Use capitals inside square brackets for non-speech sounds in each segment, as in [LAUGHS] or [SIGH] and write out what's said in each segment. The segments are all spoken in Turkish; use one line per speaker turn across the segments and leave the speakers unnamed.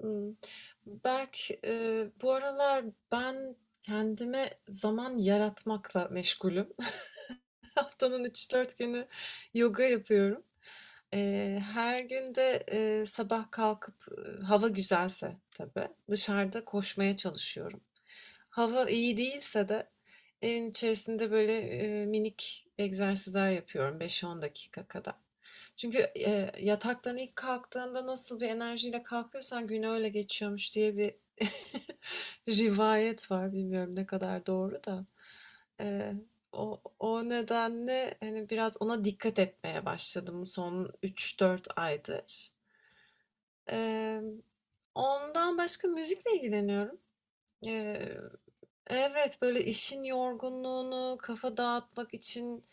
Imm, Berk, bu aralar ben kendime zaman yaratmakla meşgulüm. [LAUGHS] Haftanın üç dört günü yoga yapıyorum. Her gün de sabah kalkıp hava güzelse tabii dışarıda koşmaya çalışıyorum. Hava iyi değilse de evin içerisinde böyle minik egzersizler yapıyorum beş on dakika kadar. Çünkü yataktan ilk kalktığında nasıl bir enerjiyle kalkıyorsan gün öyle geçiyormuş diye bir [LAUGHS] rivayet var. Bilmiyorum ne kadar doğru da. Eee, o nedenle, hani, biraz ona dikkat etmeye başladım son üç dört aydır. Emm, ondan başka müzikle ilgileniyorum. Eee Evet, böyle işin yorgunluğunu kafa dağıtmak için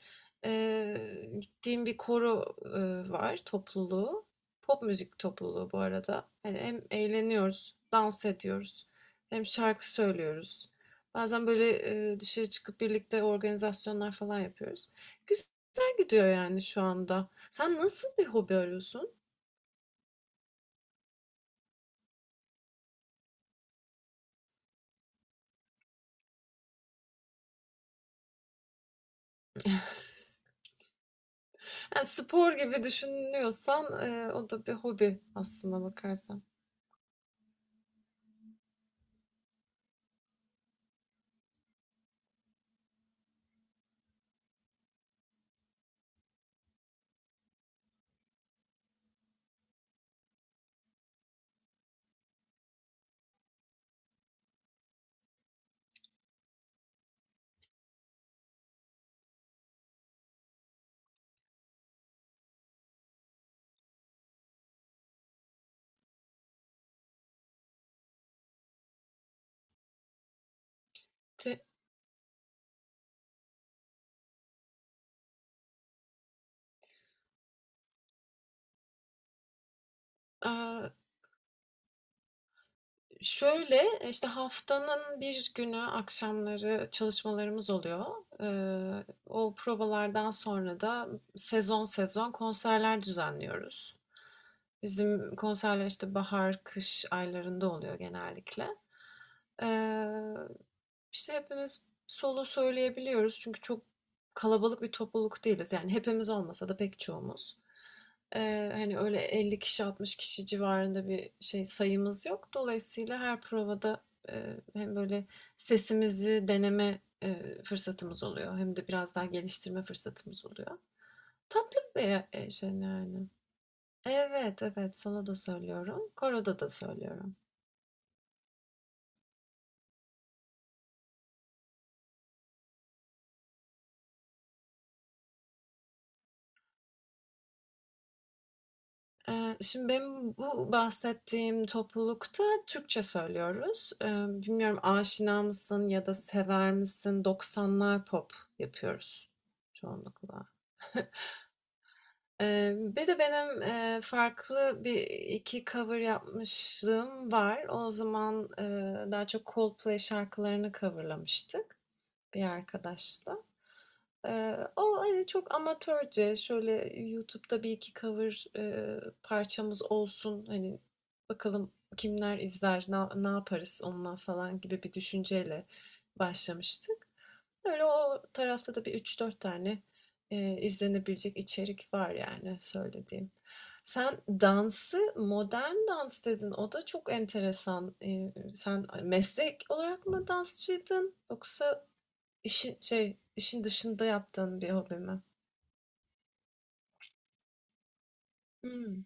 gittiğim bir koro var, topluluğu. Pop müzik topluluğu bu arada. Hani hem eğleniyoruz, dans ediyoruz, hem şarkı söylüyoruz. Bazen böyle dışarı çıkıp birlikte organizasyonlar falan yapıyoruz. Güzel gidiyor yani şu anda. Sen nasıl bir hobi arıyorsun? Yani spor gibi düşünüyorsan o da bir hobi aslında bakarsan. Te- Aa, şöyle, işte haftanın bir günü akşamları çalışmalarımız oluyor. O provalardan sonra da sezon sezon konserler düzenliyoruz. Bizim konserler işte bahar, kış aylarında oluyor genellikle. Eee, işte hepimiz solo söyleyebiliyoruz çünkü çok kalabalık bir topluluk değiliz. Yani hepimiz olmasa da pek çoğumuz. Hani öyle 50 kişi 60 kişi civarında bir şey sayımız yok. Dolayısıyla her provada hem böyle sesimizi deneme fırsatımız oluyor hem de biraz daha geliştirme fırsatımız oluyor. Tatlı bir şey yani. Evet evet solo da söylüyorum, koroda da söylüyorum. Şimdi benim bu bahsettiğim toplulukta Türkçe söylüyoruz. Bilmiyorum aşina mısın ya da sever misin? 90'lar pop yapıyoruz çoğunlukla. [LAUGHS] Bir de benim farklı bir iki cover yapmışlığım var. O zaman daha çok Coldplay şarkılarını coverlamıştık bir arkadaşla. O, hani, çok amatörce, şöyle YouTube'da bir iki cover, parçamız olsun, hani, bakalım kimler izler, ne yaparız onunla falan gibi bir düşünceyle başlamıştık. Öyle o tarafta da bir üç dört tane, izlenebilecek içerik var yani söylediğim. Sen dansı, modern dans dedin. O da çok enteresan. Sen meslek olarak mı dansçıydın yoksa işin dışında yaptığın bir hobi mi? Hımm.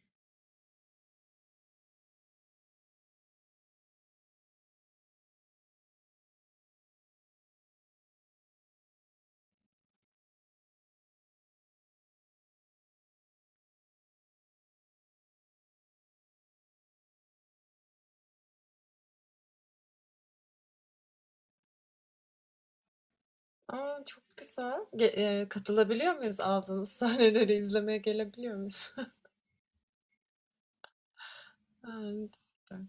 A, çok güzel. Ge katılabiliyor muyuz? Aldığınız [LAUGHS] sahneleri izlemeye gelebiliyor muyuz? [LAUGHS] A, süper.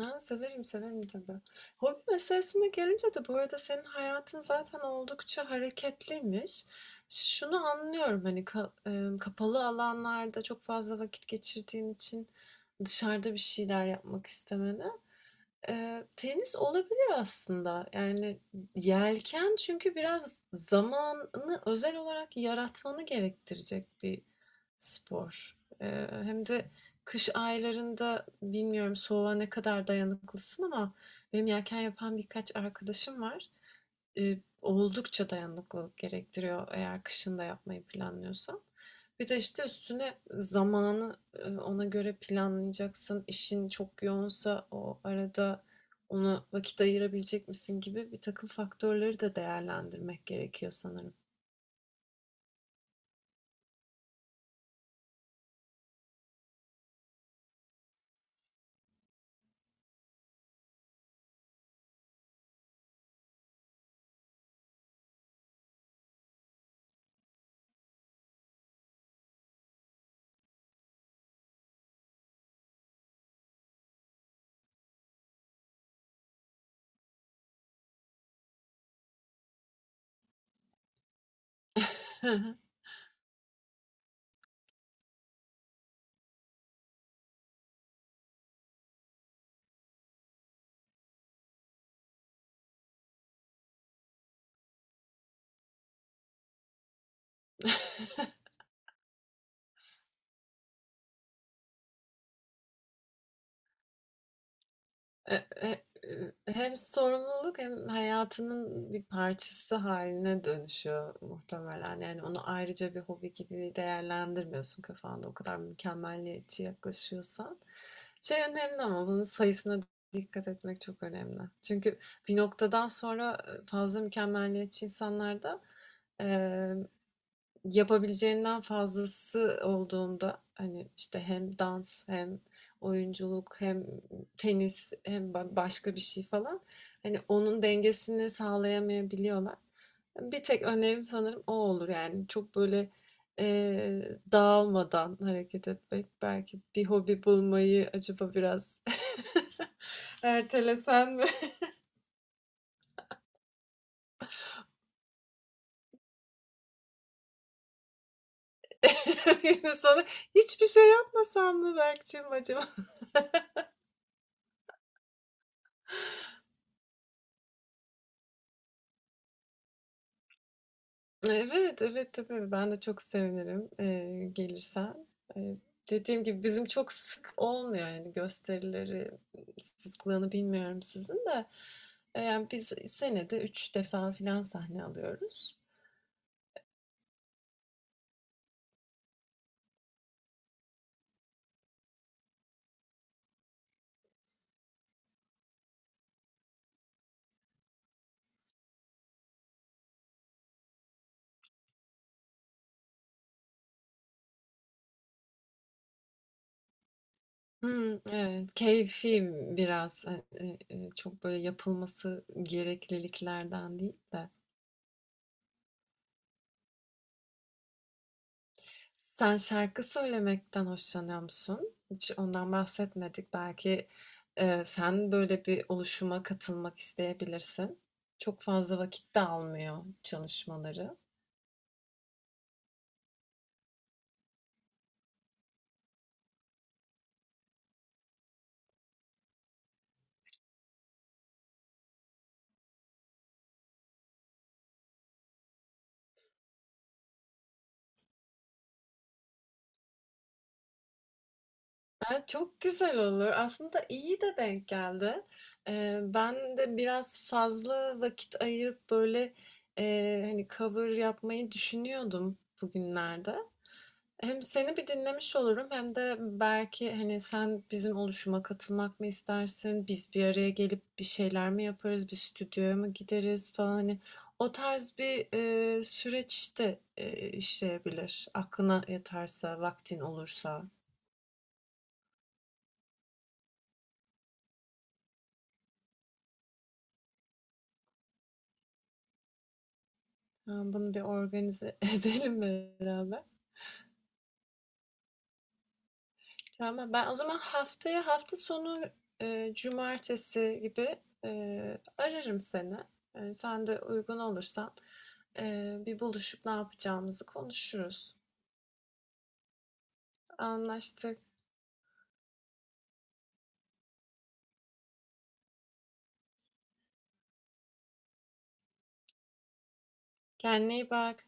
A, severim, severim tabii. Hobi meselesine gelince de bu arada senin hayatın zaten oldukça hareketliymiş. Şunu anlıyorum, hani, ka kapalı alanlarda çok fazla vakit geçirdiğin için dışarıda bir şeyler yapmak istemeni. Tenis olabilir aslında. Yani yelken çünkü biraz zamanını özel olarak yaratmanı gerektirecek bir spor. Hem de kış aylarında bilmiyorum soğuğa ne kadar dayanıklısın ama benim yelken yapan birkaç arkadaşım var. Oldukça dayanıklılık gerektiriyor eğer kışın da yapmayı planlıyorsan. Bir de işte üstüne zamanı, ona göre planlayacaksın. İşin çok yoğunsa o arada ona vakit ayırabilecek misin gibi bir takım faktörleri de değerlendirmek gerekiyor sanırım. [LAUGHS] E hem sorumluluk hem hayatının bir parçası haline dönüşüyor muhtemelen. Yani onu ayrıca bir hobi gibi değerlendirmiyorsun kafanda o kadar mükemmeliyetçi yaklaşıyorsan. Şey önemli ama bunun sayısına dikkat etmek çok önemli. Çünkü bir noktadan sonra, fazla mükemmeliyetçi insanlarda, yapabileceğinden fazlası olduğunda, hani, işte, hem dans hem oyunculuk hem tenis hem başka bir şey falan, hani, onun dengesini sağlayamayabiliyorlar. Bir tek önerim sanırım o olur, yani, çok böyle, dağılmadan hareket etmek. Belki bir hobi bulmayı acaba biraz [LAUGHS] ertelesen mi? [LAUGHS] Yine sonra hiçbir şey yapmasam mı Berk'cim acaba? Evet, evet tabii. Ben de çok sevinirim, gelirsen. Eee, dediğim gibi bizim çok sık olmuyor yani gösterileri sıklığını bilmiyorum sizin de. Yani biz senede üç defa filan sahne alıyoruz. Hmm evet, keyfi biraz, hani, çok böyle yapılması gerekliliklerden değil de. Sen şarkı söylemekten hoşlanıyor musun? Hiç ondan bahsetmedik. Belki, sen böyle bir oluşuma katılmak isteyebilirsin. Çok fazla vakit de almıyor çalışmaları. Ha, çok güzel olur. Aslında iyi de denk geldi. Ben de biraz fazla vakit ayırıp böyle hani cover yapmayı düşünüyordum bugünlerde. Hem seni bir dinlemiş olurum hem de belki hani sen bizim oluşuma katılmak mı istersin? Biz bir araya gelip bir şeyler mi yaparız? Bir stüdyoya mı gideriz falan hani o tarz bir süreç de işleyebilir. Aklına yatarsa, vaktin olursa. Tamam, bunu bir organize [LAUGHS] edelim beraber. Tamam, ben o zaman haftaya hafta sonu cumartesi gibi e, ararım seni. Sen de uygun olursan bir buluşup ne yapacağımızı konuşuruz. Anlaştık. Kendine iyi bak.